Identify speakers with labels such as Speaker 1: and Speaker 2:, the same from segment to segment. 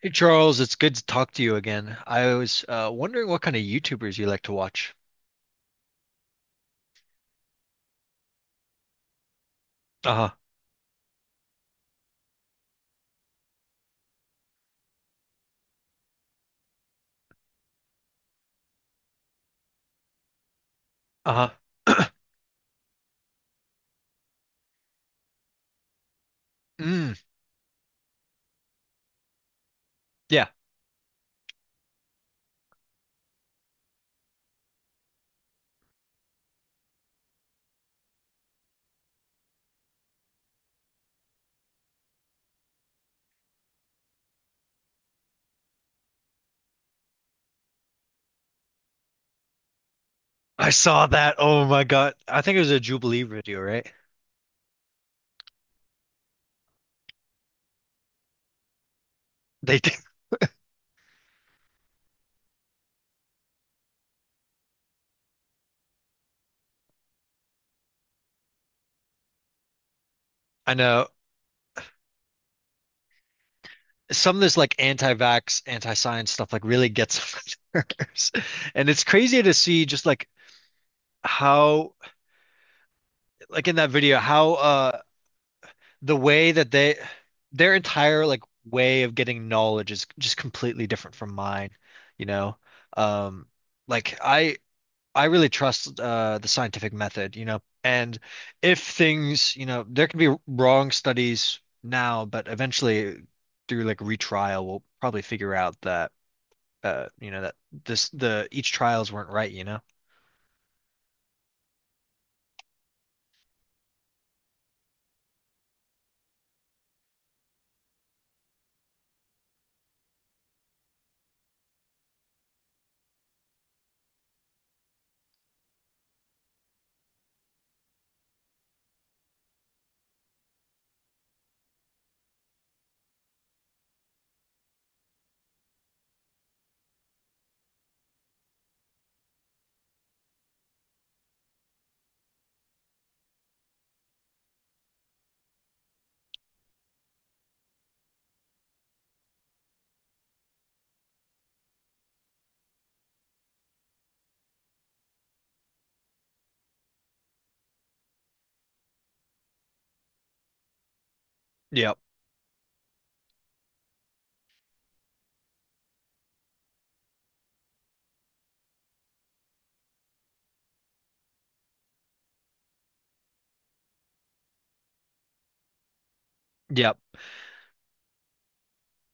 Speaker 1: Hey Charles, it's good to talk to you again. I was wondering what kind of YouTubers you like to watch. Uh-huh. Uh-huh. Mm, yeah. I saw that. Oh my God. I think it was a Jubilee video, right? They did. I know. Some of this like anti-vax, anti-science stuff like really gets on my nerves. And it's crazy to see just like how like in that video, how the way that they their entire like way of getting knowledge is just completely different from mine, you know. Um like I really trust the scientific method. And if things, there can be wrong studies now, but eventually through like retrial we'll probably figure out that you know that this the each trials weren't right. Yep. Yep.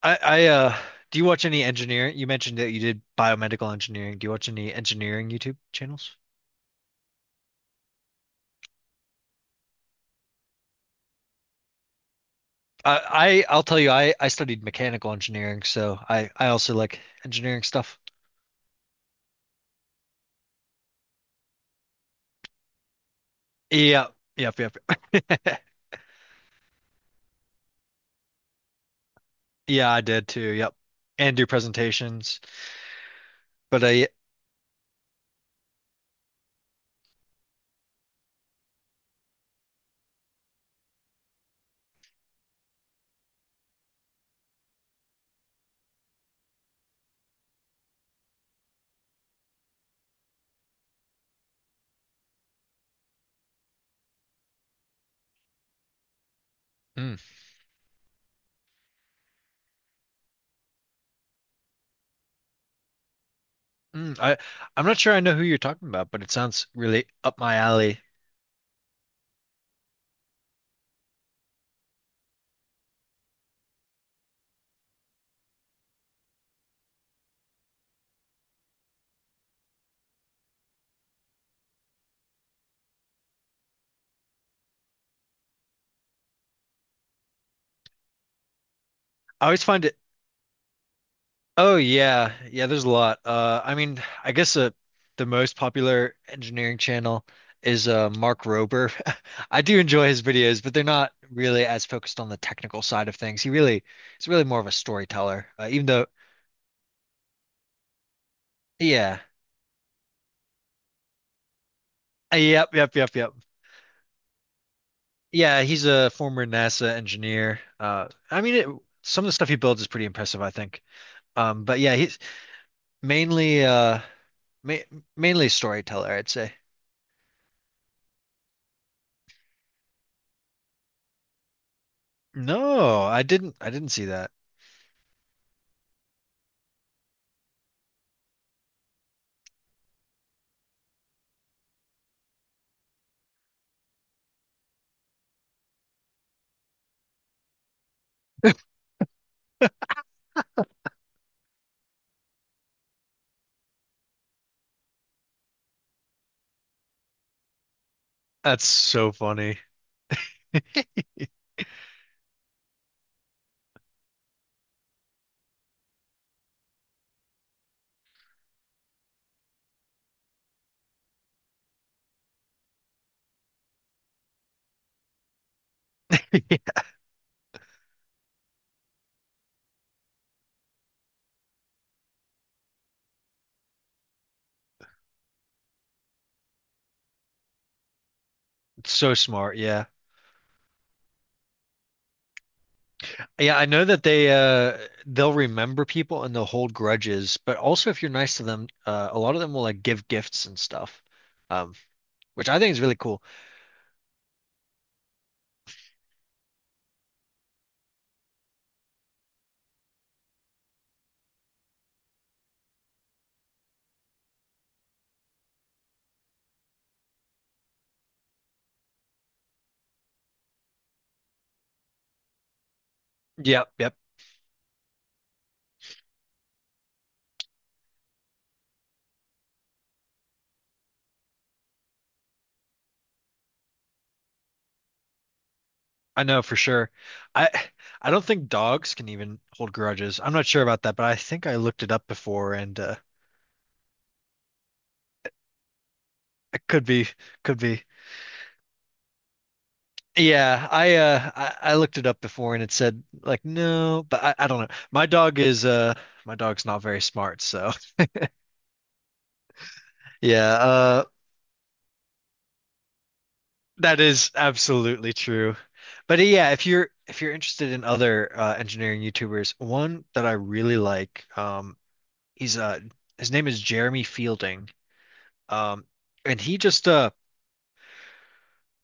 Speaker 1: I Do you watch any engineering? You mentioned that you did biomedical engineering. Do you watch any engineering YouTube channels? I'll tell you, I studied mechanical engineering, so I also like engineering stuff. Yeah, yep, yep. Yeah, I did too. Yep, and do presentations. But I mm, mm, I I'm not sure I know who you're talking about, but it sounds really up my alley. I always find it Oh yeah, yeah. There's a lot. I mean, I guess the most popular engineering channel is Mark Rober. I do enjoy his videos, but they're not really as focused on the technical side of things. He's really more of a storyteller. Even though, yeah. Yep, yep, yep, yep. Yeah, he's a former NASA engineer. I mean, some of the stuff he builds is pretty impressive, I think. But yeah, he's mainly uh, ma mainly storyteller, I'd say. No, I didn't. I didn't see that. That's so funny. It's so smart, yeah. Yeah, I know that they'll remember people and they'll hold grudges, but also if you're nice to them, a lot of them will like give gifts and stuff. Um, which I think is really cool. Yep, yep. I know for sure. I I don't think dogs can even hold grudges. I'm not sure about that, but I think I looked it up before and it could be. Yeah, I looked it up before and it said like no, but I don't know. My dog's not very smart, so yeah, that is absolutely true. But yeah, if you're interested in other engineering YouTubers, one that I really like. Um he's uh his name is Jeremy Fielding. Um and he just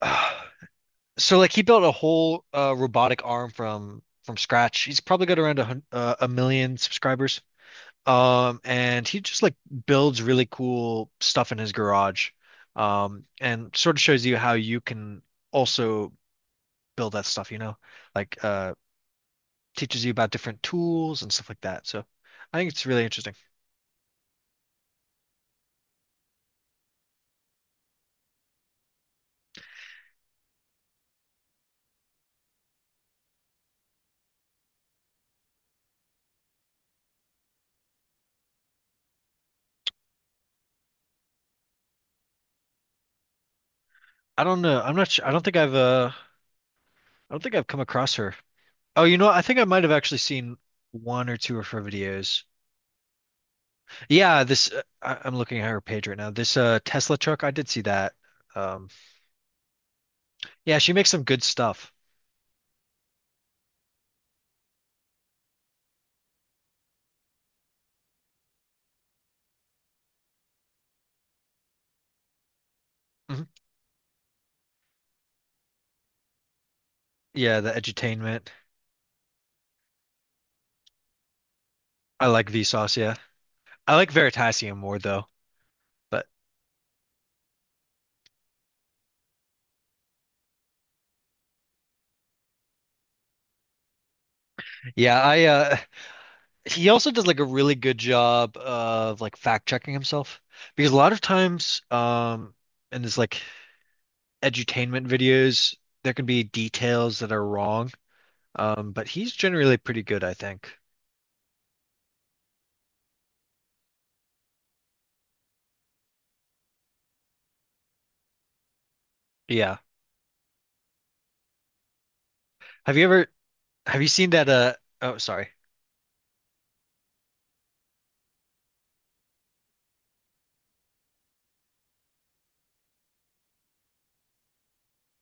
Speaker 1: so like he built a whole robotic arm from scratch. He's probably got around a million subscribers. And he just like builds really cool stuff in his garage. And sort of shows you how you can also build that stuff, like teaches you about different tools and stuff like that. So I think it's really interesting. I don't know. I'm not sure. I don't think I've come across her. Oh, you know what? I think I might have actually seen one or two of her videos. Yeah, I'm looking at her page right now. This Tesla truck, I did see that. Um, yeah, she makes some good stuff. Mhm. Yeah, the edutainment. I like Vsauce. Yeah, I like Veritasium more though. But yeah, I he also does like a really good job of like fact checking himself, because a lot of times in this like edutainment videos there can be details that are wrong, but he's generally pretty good, I think. Yeah, have you ever have you seen that, oh, sorry.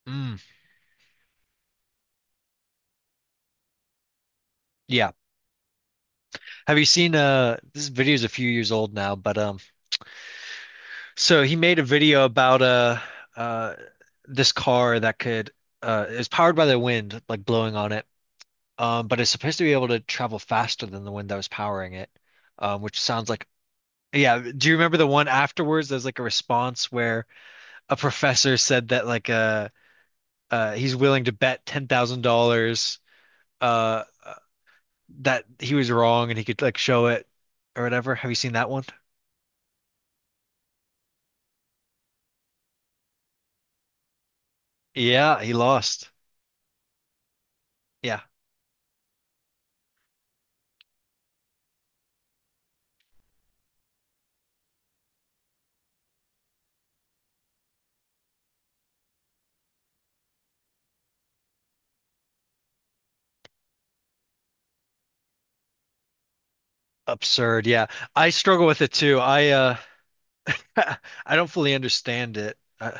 Speaker 1: Mm, yeah, have you seen this video is a few years old now, but so he made a video about uh this car that could it powered by the wind, like blowing on it. But it's supposed to be able to travel faster than the wind that was powering it, which sounds like yeah. Do you remember the one afterwards? There's like a response where a professor said that like he's willing to bet $10,000 uh uh, that he was wrong and he could like show it or whatever. Have you seen that one? Yeah, he lost. Yeah, absurd. Yeah, I struggle with it too. I I don't fully understand it. Uh,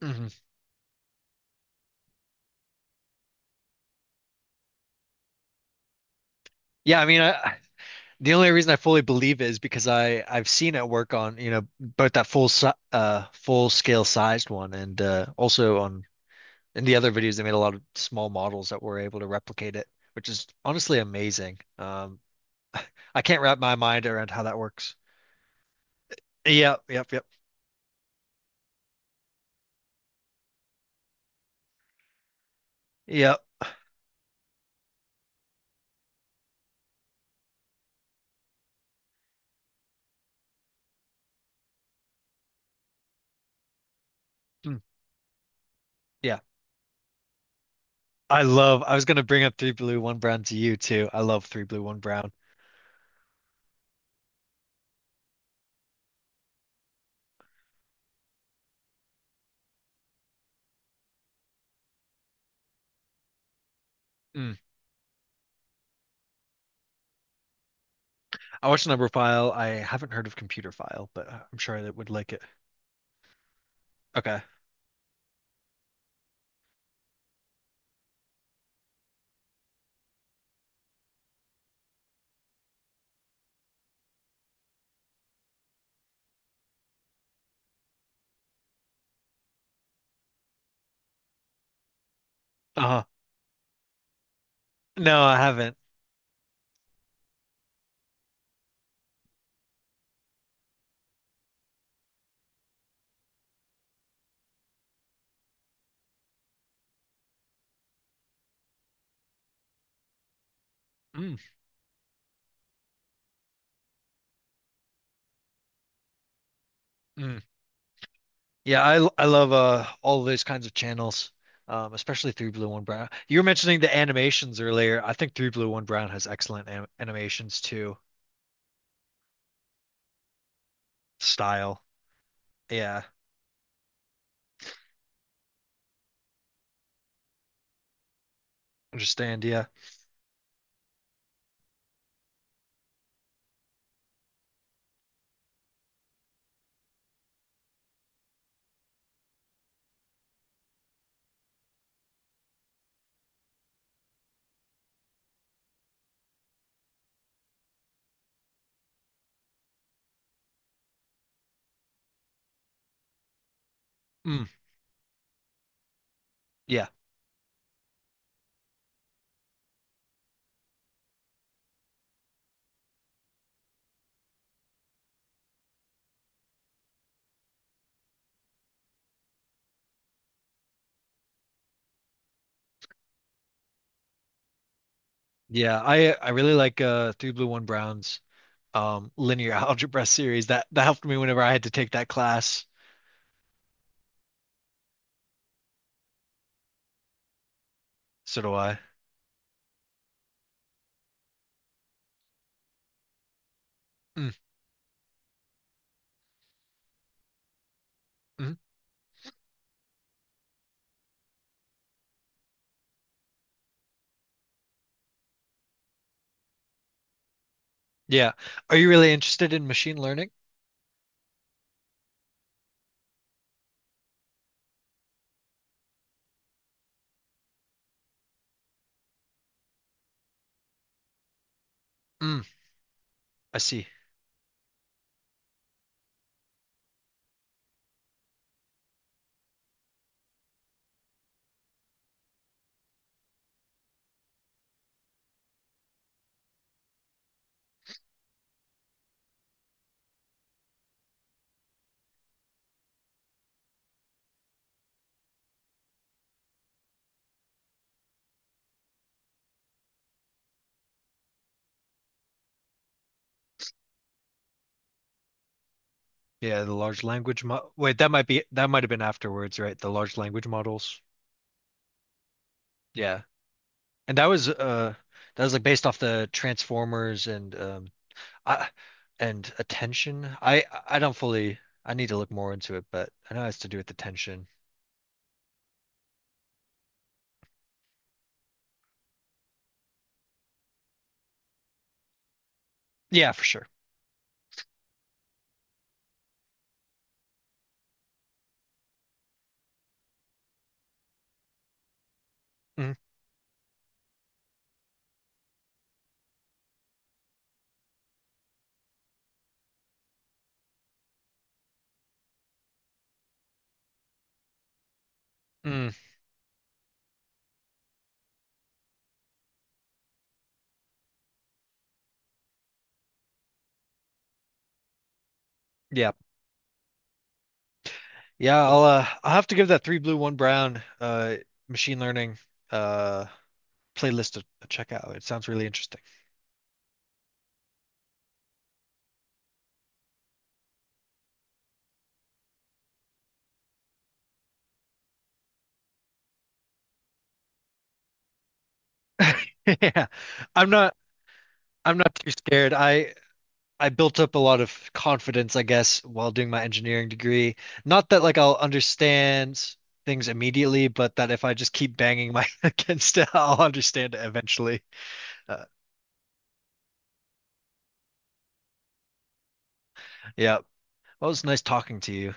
Speaker 1: mhm. Yeah, I mean, I The only reason I fully believe it is because I've seen it work on, both that full scale sized one and also on in the other videos they made a lot of small models that were able to replicate it, which is honestly amazing. I can't wrap my mind around how that works. Yep, yep, yep. Yep. Mm, yeah. I was gonna bring up Three Blue, One Brown to you too. I love Three Blue, One Brown. Mm. I watched Number File. I haven't heard of Computer File, but I'm sure I would like it. Okay. Uh-huh. No, I haven't. Mm. Mm. Yeah, I love all those kinds of channels, especially Three Blue One Brown. You were mentioning the animations earlier. I think Three Blue One Brown has excellent animations too. Style, yeah, understand, yeah, mm. Yeah, yeah. I really like Three Blue One Brown's linear algebra series. That helped me whenever I had to take that class. So do I. Mm. Mm. Yeah. Are you really interested in machine learning? Mm. I see. Yeah, the large language mo wait, that might have been afterwards, right? The large language models. Yeah. And that was like based off the Transformers and I and attention. I don't fully I need to look more into it, but I know it has to do with attention. Yeah, for sure. Mm, mm, yeah. Yeah, I'll have to give that Three Blue, One Brown machine learning uh playlist a check out. It sounds really interesting. Yeah. I'm not I'm not too scared. I built up a lot of confidence, I guess, while doing my engineering degree. Not that like I'll understand things immediately, but that if I just keep banging my head against it, I'll understand it eventually. Uh, yeah. Well, it was nice talking to you.